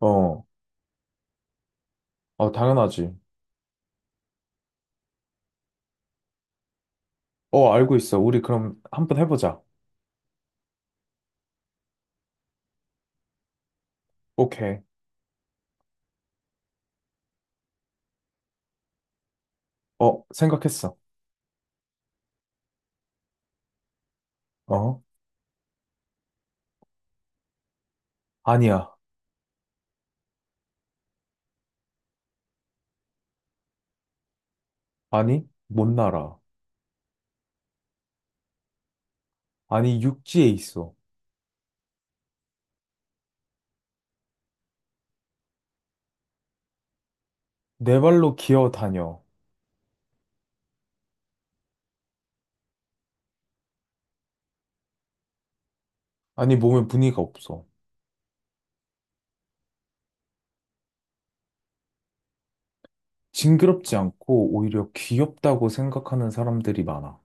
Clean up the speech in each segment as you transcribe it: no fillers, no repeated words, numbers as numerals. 어, 어, 당연하지. 어, 알고 있어. 우리 그럼 한번 해보자. 오케이. 어, 생각했어. 어? 아니야. 아니, 못 날아. 아니, 육지에 있어. 네 발로 기어 다녀. 아니, 몸에 무늬가 없어. 징그럽지 않고 오히려 귀엽다고 생각하는 사람들이 많아.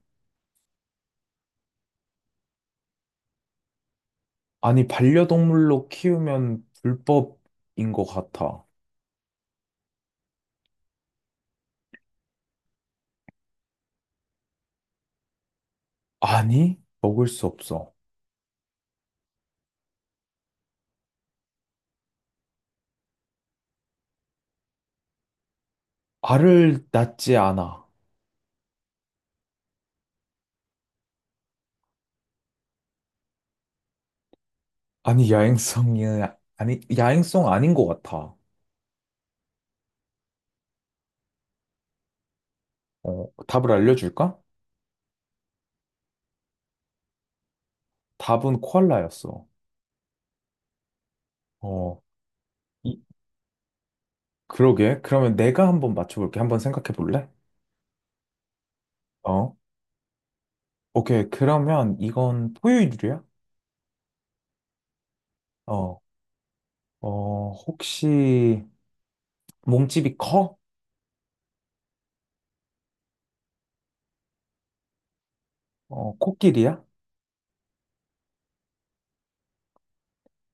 아니, 반려동물로 키우면 불법인 것 같아. 아니, 먹을 수 없어. 알을 낳지 않아. 아니, 아니, 야행성 아닌 것 같아. 어, 답을 알려줄까? 답은 코알라였어. 어, 이- 그러게. 그러면 내가 한번 맞춰볼게. 한번 생각해 볼래? 어, 오케이. 그러면 이건 포유류야? 어, 어, 혹시 몸집이 커? 어, 코끼리야?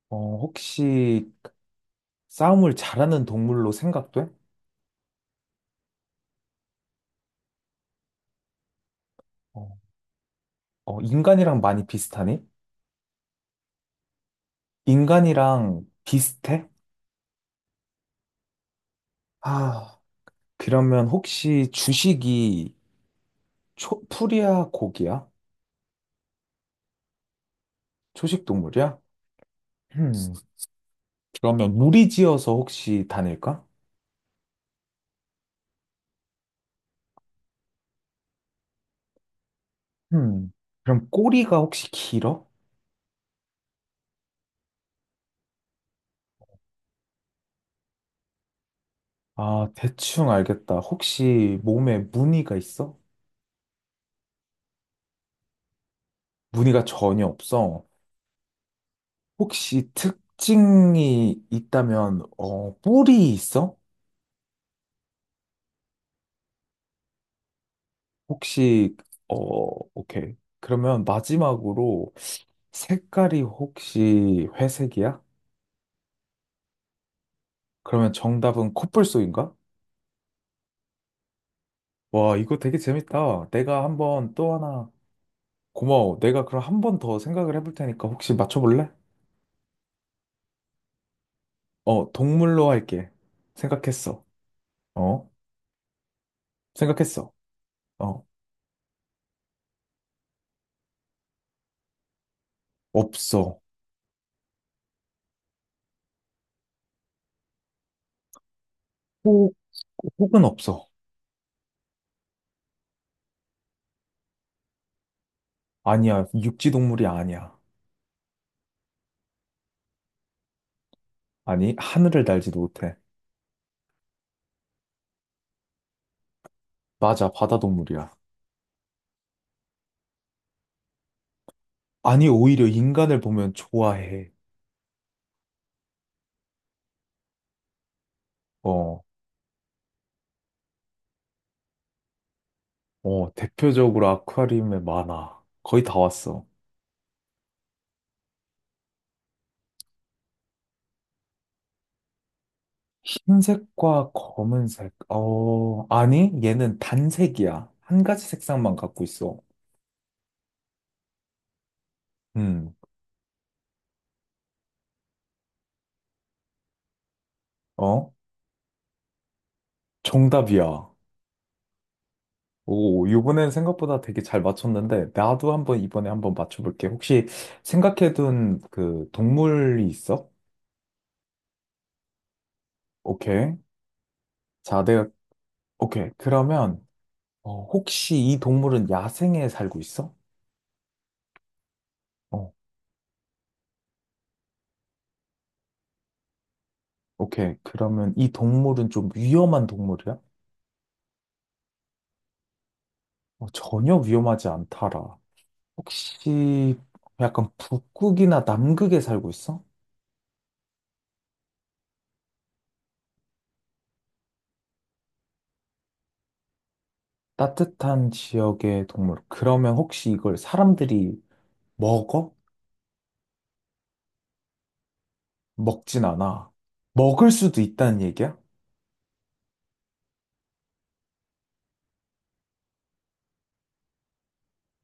어, 혹시 싸움을 잘하는 동물로 생각돼? 어, 어, 인간이랑 많이 비슷하니? 인간이랑 비슷해? 아, 그러면 혹시 주식이 풀이야, 고기야? 초식 동물이야? 음, 그러면 무리지어서 혹시 다닐까? 음, 그럼 꼬리가 혹시 길어? 아, 대충 알겠다. 혹시 몸에 무늬가 있어? 무늬가 전혀 없어. 혹시 특징이 있다면, 뿔이 있어? 혹시, 어, 오케이. 그러면 마지막으로 색깔이 혹시 회색이야? 그러면 정답은 코뿔소인가? 와, 이거 되게 재밌다. 내가 한번 또 하나 고마워. 내가 그럼 한 번 더 생각을 해볼 테니까 혹시 맞춰볼래? 어, 동물로 할게. 생각했어. 어? 생각했어. 어, 없어. 혹, 혹은 없어. 아니야, 육지 동물이 아니야. 아니, 하늘을 날지도 못해. 맞아, 바다 동물이야. 아니, 오히려 인간을 보면 좋아해. 어, 어, 대표적으로 아쿠아리움에 많아. 거의 다 왔어. 흰색과 검은색. 어, 아니, 얘는 단색이야. 한 가지 색상만 갖고 있어. 음. 어? 정답이야. 오, 이번엔 생각보다 되게 잘 맞췄는데, 나도 한번 이번에 한번 맞춰볼게. 혹시 생각해둔 그 동물이 있어? 오케이. 자, 내가, 오케이. 그러면, 혹시 이 동물은 야생에 살고 있어? 어, 오케이. 그러면 이 동물은 좀 위험한 동물이야? 어, 전혀 위험하지 않더라. 혹시 약간 북극이나 남극에 살고 있어? 따뜻한 지역의 동물. 그러면 혹시 이걸 사람들이 먹어? 먹진 않아. 먹을 수도 있다는 얘기야?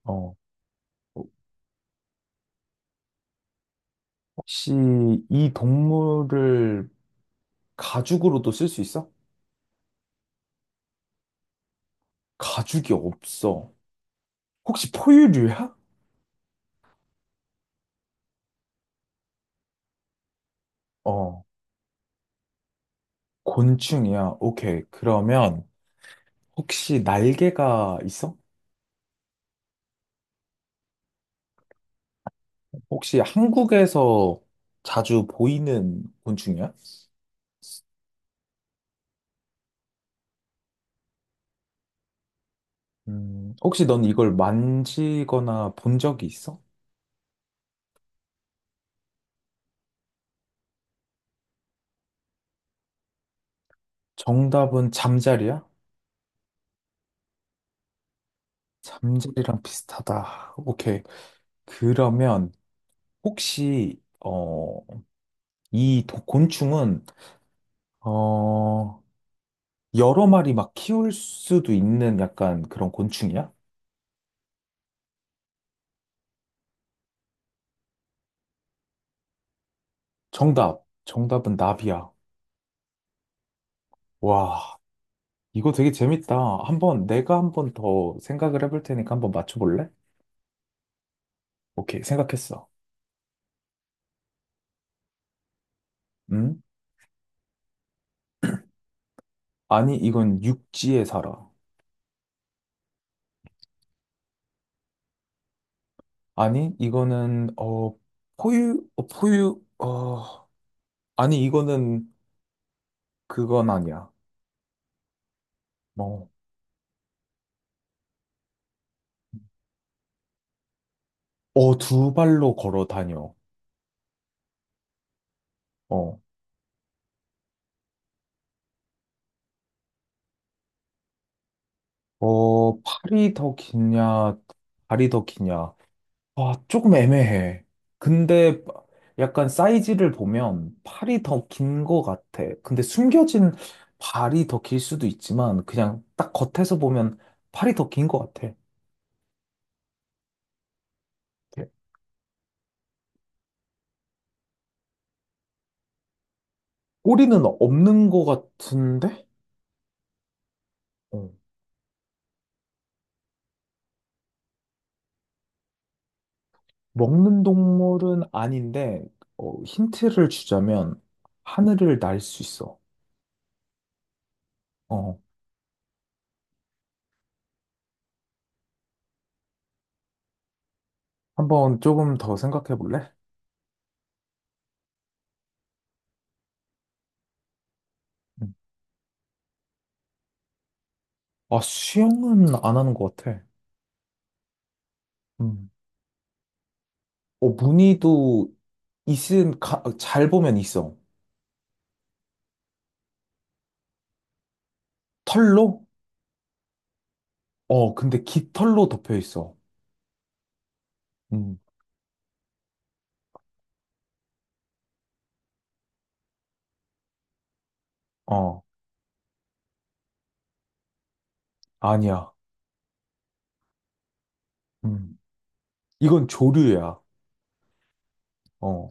어. 혹시 이 동물을 가죽으로도 쓸 수 있어? 가죽이 없어. 혹시 포유류야? 어. 곤충이야. 오케이. 그러면 혹시 날개가 있어? 혹시 한국에서 자주 보이는 곤충이야? 혹시 넌 이걸 만지거나 본 적이 있어? 정답은 잠자리야? 잠자리랑 비슷하다. 오케이. 그러면 혹시 곤충은 어, 여러 마리 막 키울 수도 있는 약간 그런 곤충이야? 정답. 정답은 나비야. 와, 이거 되게 재밌다. 한번 내가 한번 더 생각을 해볼 테니까 한번 맞춰볼래? 오케이, 생각했어. 음? 아니, 이건 육지에 살아. 아니, 이거는 포유, 어, 포유, 어, 아니, 이거는 그건 아니야. 어, 어, 두 발로 걸어 다녀. 어, 어, 팔이 더 기냐, 다리 더 기냐. 아, 조금 애매해. 근데 약간 사이즈를 보면 팔이 더 긴 것 같아. 근데 숨겨진 발이 더 길 수도 있지만 그냥 딱 겉에서 보면 팔이 더 긴 것 같아. 꼬리는 없는 것 같은데? 어, 먹는 동물은 아닌데, 힌트를 주자면 하늘을 날 수 있어. 어, 한번 조금 더 생각해 볼래? 음. 아, 수영은 안 하는 것 같아. 음. 어, 무늬도 잘 보면 있어. 털로? 어, 근데 깃털로 덮여 있어. 음. 어, 아니야. 음. 이건 조류야. 어,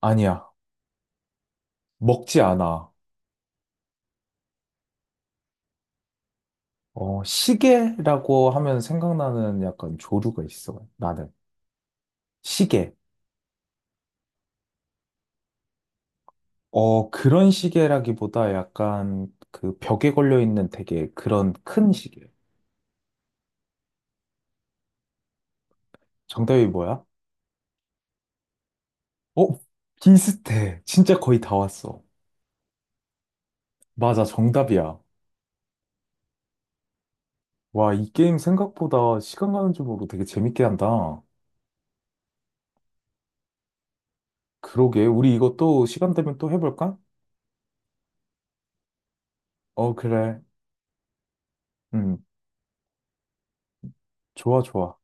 아니야. 먹지 않아. 어, 시계라고 하면 생각나는 약간 조류가 있어. 나는. 시계. 어, 그런 시계라기보다 약간 그 벽에 걸려 있는 되게 그런 큰 시계. 정답이 뭐야? 어? 비슷해. 진짜 거의 다 왔어. 맞아, 정답이야. 와, 이 게임 생각보다 시간 가는 줄 모르고 되게 재밌게 한다. 그러게, 우리 이것도 시간 되면 또 해볼까? 어, 그래. 음, 좋아, 좋아.